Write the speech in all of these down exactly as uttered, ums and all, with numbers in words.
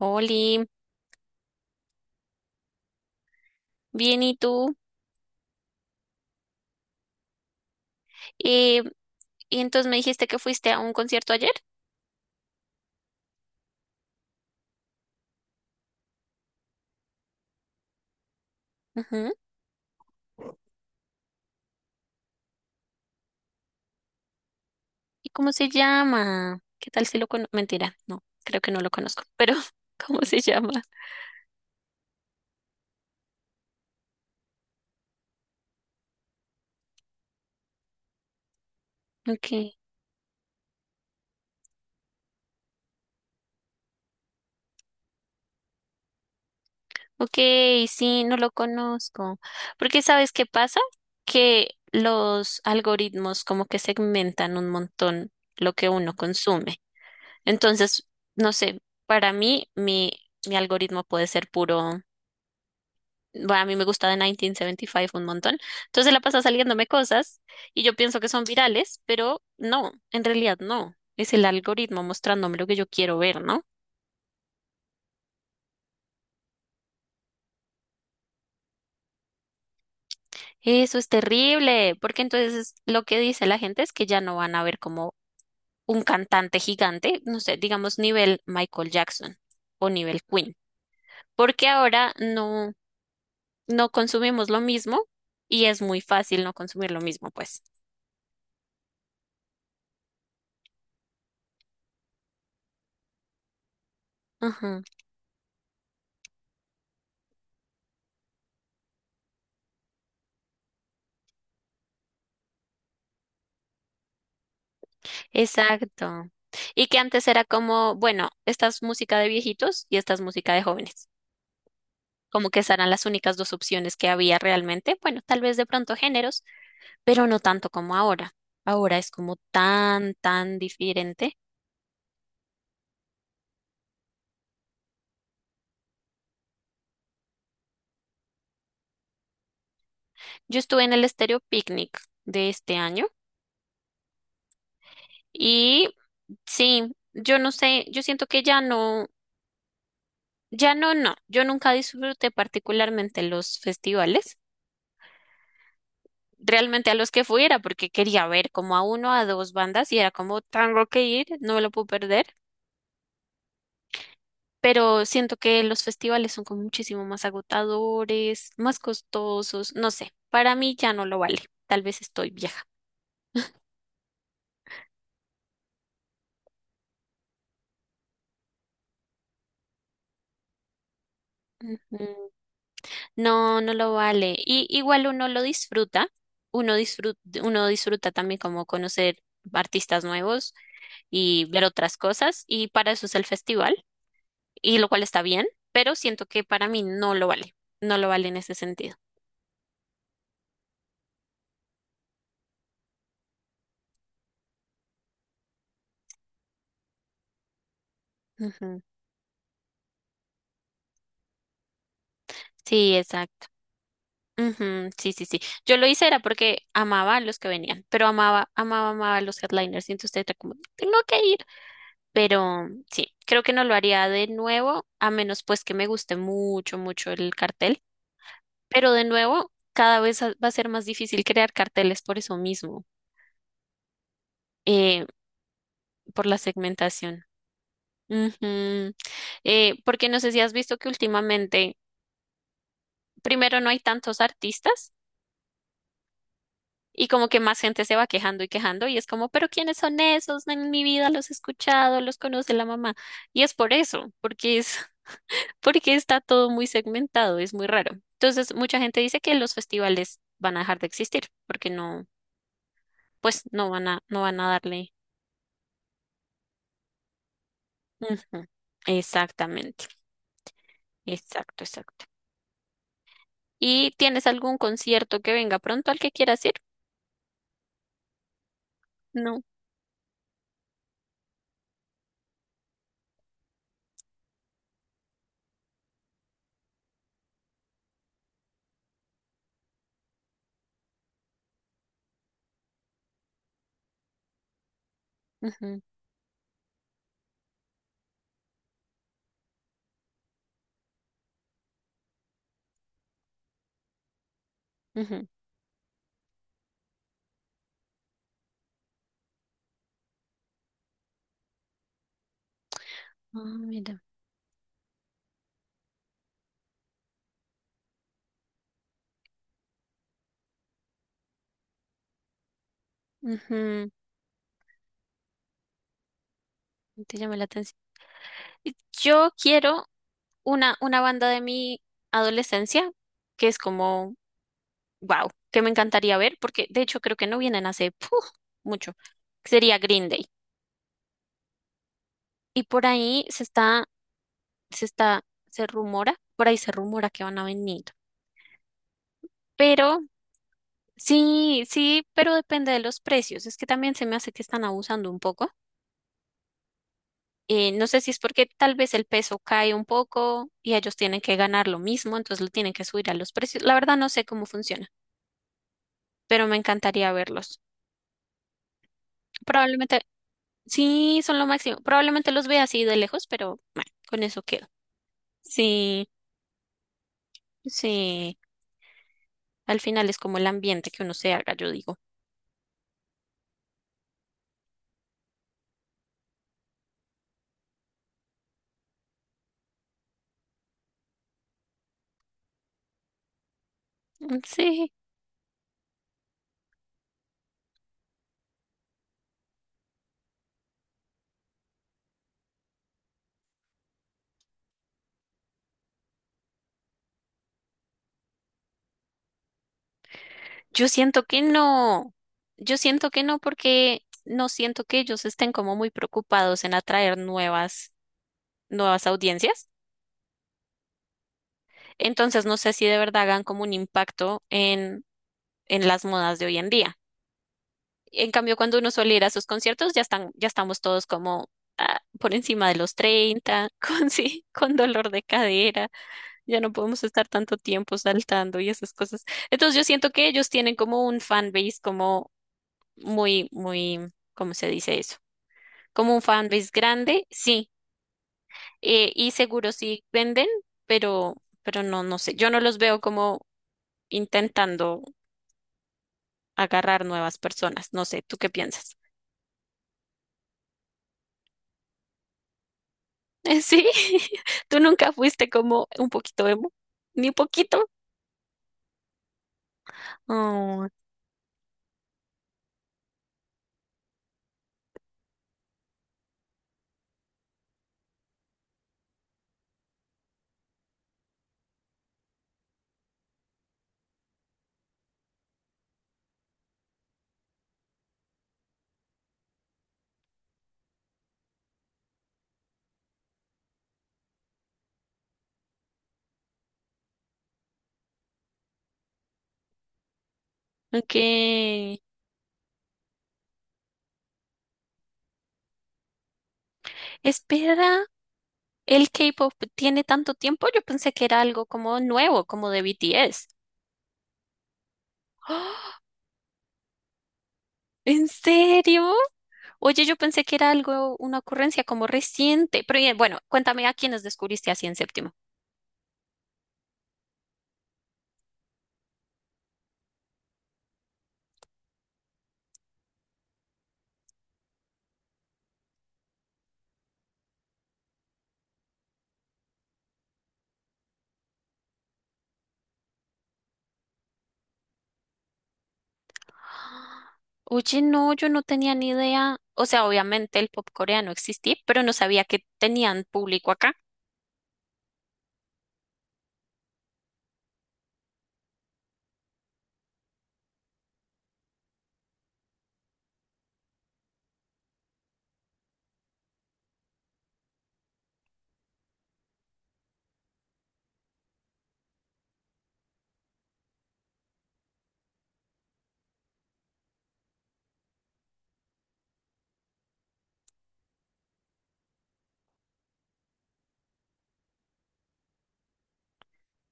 Oli, bien, ¿y tú? Eh, y entonces me dijiste que fuiste a un concierto ayer. Ujú. ¿Y cómo se llama? ¿Qué tal si lo conozco? Mentira, no, creo que no lo conozco, pero ¿cómo se llama? Ok, ok, sí, no lo conozco. Porque ¿sabes qué pasa? Que los algoritmos como que segmentan un montón lo que uno consume. Entonces, no sé, para mí mi, mi algoritmo puede ser puro. Bueno, a mí me gusta de mil novecientos setenta y cinco un montón. Entonces la pasa saliéndome cosas y yo pienso que son virales, pero no, en realidad no. Es el algoritmo mostrándome lo que yo quiero ver, ¿no? Eso es terrible, porque entonces lo que dice la gente es que ya no van a ver como un cantante gigante, no sé, digamos nivel Michael Jackson o nivel Queen, porque ahora no, no consumimos lo mismo y es muy fácil no consumir lo mismo, pues. Ujú. Exacto. Y que antes era como, bueno, esta es música de viejitos y esta es música de jóvenes. Como que esas eran las únicas dos opciones que había realmente. Bueno, tal vez de pronto géneros, pero no tanto como ahora. Ahora es como tan, tan diferente. Yo estuve en el Estéreo Picnic de este año y sí, yo no sé, yo siento que ya no, ya no, no. Yo nunca disfruté particularmente los festivales realmente a los que fui era porque quería ver como a uno, a dos bandas y era como tengo que ir, no me lo puedo perder. Pero siento que los festivales son como muchísimo más agotadores, más costosos, no sé, para mí ya no lo vale. Tal vez estoy vieja. Ujú. No, no lo vale. Y igual uno lo disfruta, uno disfruta, uno disfruta también como conocer artistas nuevos y ver otras cosas, y para eso es el festival. Y lo cual está bien, pero siento que para mí no lo vale, no lo vale en ese sentido. Ujú. Sí, exacto. Ujú, sí, sí, sí. Yo lo hice era porque amaba a los que venían, pero amaba, amaba, amaba a los headliners y entonces era como, tengo que ir. Pero sí, creo que no lo haría de nuevo, a menos pues que me guste mucho, mucho el cartel. Pero de nuevo, cada vez a- va a ser más difícil crear carteles por eso mismo, eh, por la segmentación. Ujú. Eh, porque no sé si has visto que últimamente primero no hay tantos artistas y como que más gente se va quejando y quejando y es como, pero ¿quiénes son esos? No, en mi vida los he escuchado, los conoce la mamá. Y es por eso, porque es, porque está todo muy segmentado, es muy raro. Entonces, mucha gente dice que los festivales van a dejar de existir porque no, pues no van a, no van a darle. Ujú. Exactamente, exacto, exacto. ¿Y tienes algún concierto que venga pronto al que quieras ir? No. Ujú, ujú. Ah, mira. Ujú, no te llama la atención. Yo quiero una, una banda de mi adolescencia, que es como, wow, que me encantaría ver, porque de hecho creo que no vienen hace puf, mucho. Sería Green Day. Y por ahí se está, se está, se rumora, por ahí se rumora que van a venir. Pero sí, sí, pero depende de los precios. Es que también se me hace que están abusando un poco. Eh, no sé si es porque tal vez el peso cae un poco y ellos tienen que ganar lo mismo, entonces lo tienen que subir a los precios. La verdad no sé cómo funciona. Pero me encantaría verlos. Probablemente, sí, son lo máximo. Probablemente los vea así de lejos, pero bueno, con eso quedo. Sí, sí. Al final es como el ambiente que uno se haga, yo digo. "Mm, Sí, yo siento que no. Yo siento que no porque no siento que ellos estén como muy preocupados en atraer nuevas, nuevas audiencias. Entonces no sé si de verdad hagan como un impacto en, en las modas de hoy en día. En cambio, cuando uno suele ir a sus conciertos, ya están, ya estamos todos como ah, por encima de los treinta con sí, con dolor de cadera, ya no podemos estar tanto tiempo saltando y esas cosas. Entonces yo siento que ellos tienen como un fan base como muy, muy, ¿cómo se dice eso? Como un fan base grande, sí, eh, y seguro sí venden, pero, pero no, no sé, yo no los veo como intentando agarrar nuevas personas, no sé, ¿tú qué piensas? Sí, tú nunca fuiste como un poquito emo, ni poquito. Oh, ok. Espera, el K-pop tiene tanto tiempo. Yo pensé que era algo como nuevo, como de B T S. ¡Ah! ¿En serio? Oye, yo pensé que era algo, una ocurrencia como reciente. Pero bien, bueno, cuéntame a quiénes descubriste así en séptimo. Oye, no, yo no tenía ni idea. O sea, obviamente el pop coreano existía, pero no sabía que tenían público acá.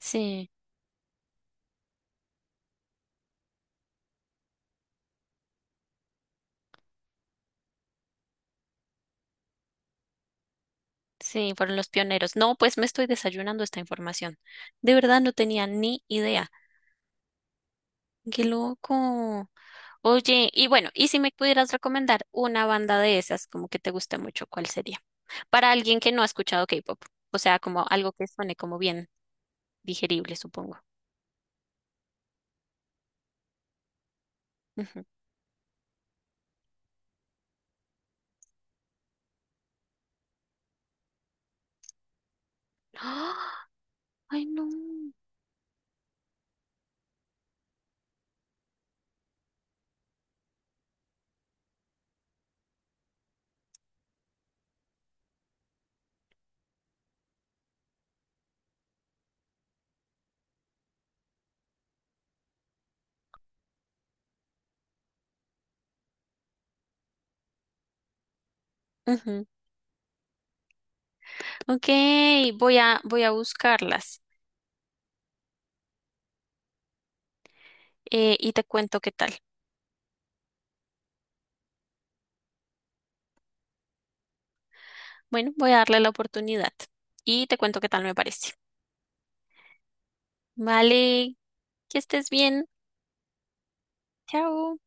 Sí, sí, fueron los pioneros. No, pues me estoy desayunando esta información. De verdad no tenía ni idea. Qué loco. Oye, y bueno, y si me pudieras recomendar una banda de esas, como que te guste mucho, ¿cuál sería? Para alguien que no ha escuchado K-pop, o sea, como algo que suene como bien. Digerible, supongo. Ujú. ¡Ah! Ay, no. Ujú. Ok, voy a, voy a buscarlas eh, y te cuento qué tal. Bueno, voy a darle la oportunidad y te cuento qué tal me parece. Vale, que estés bien. Chao.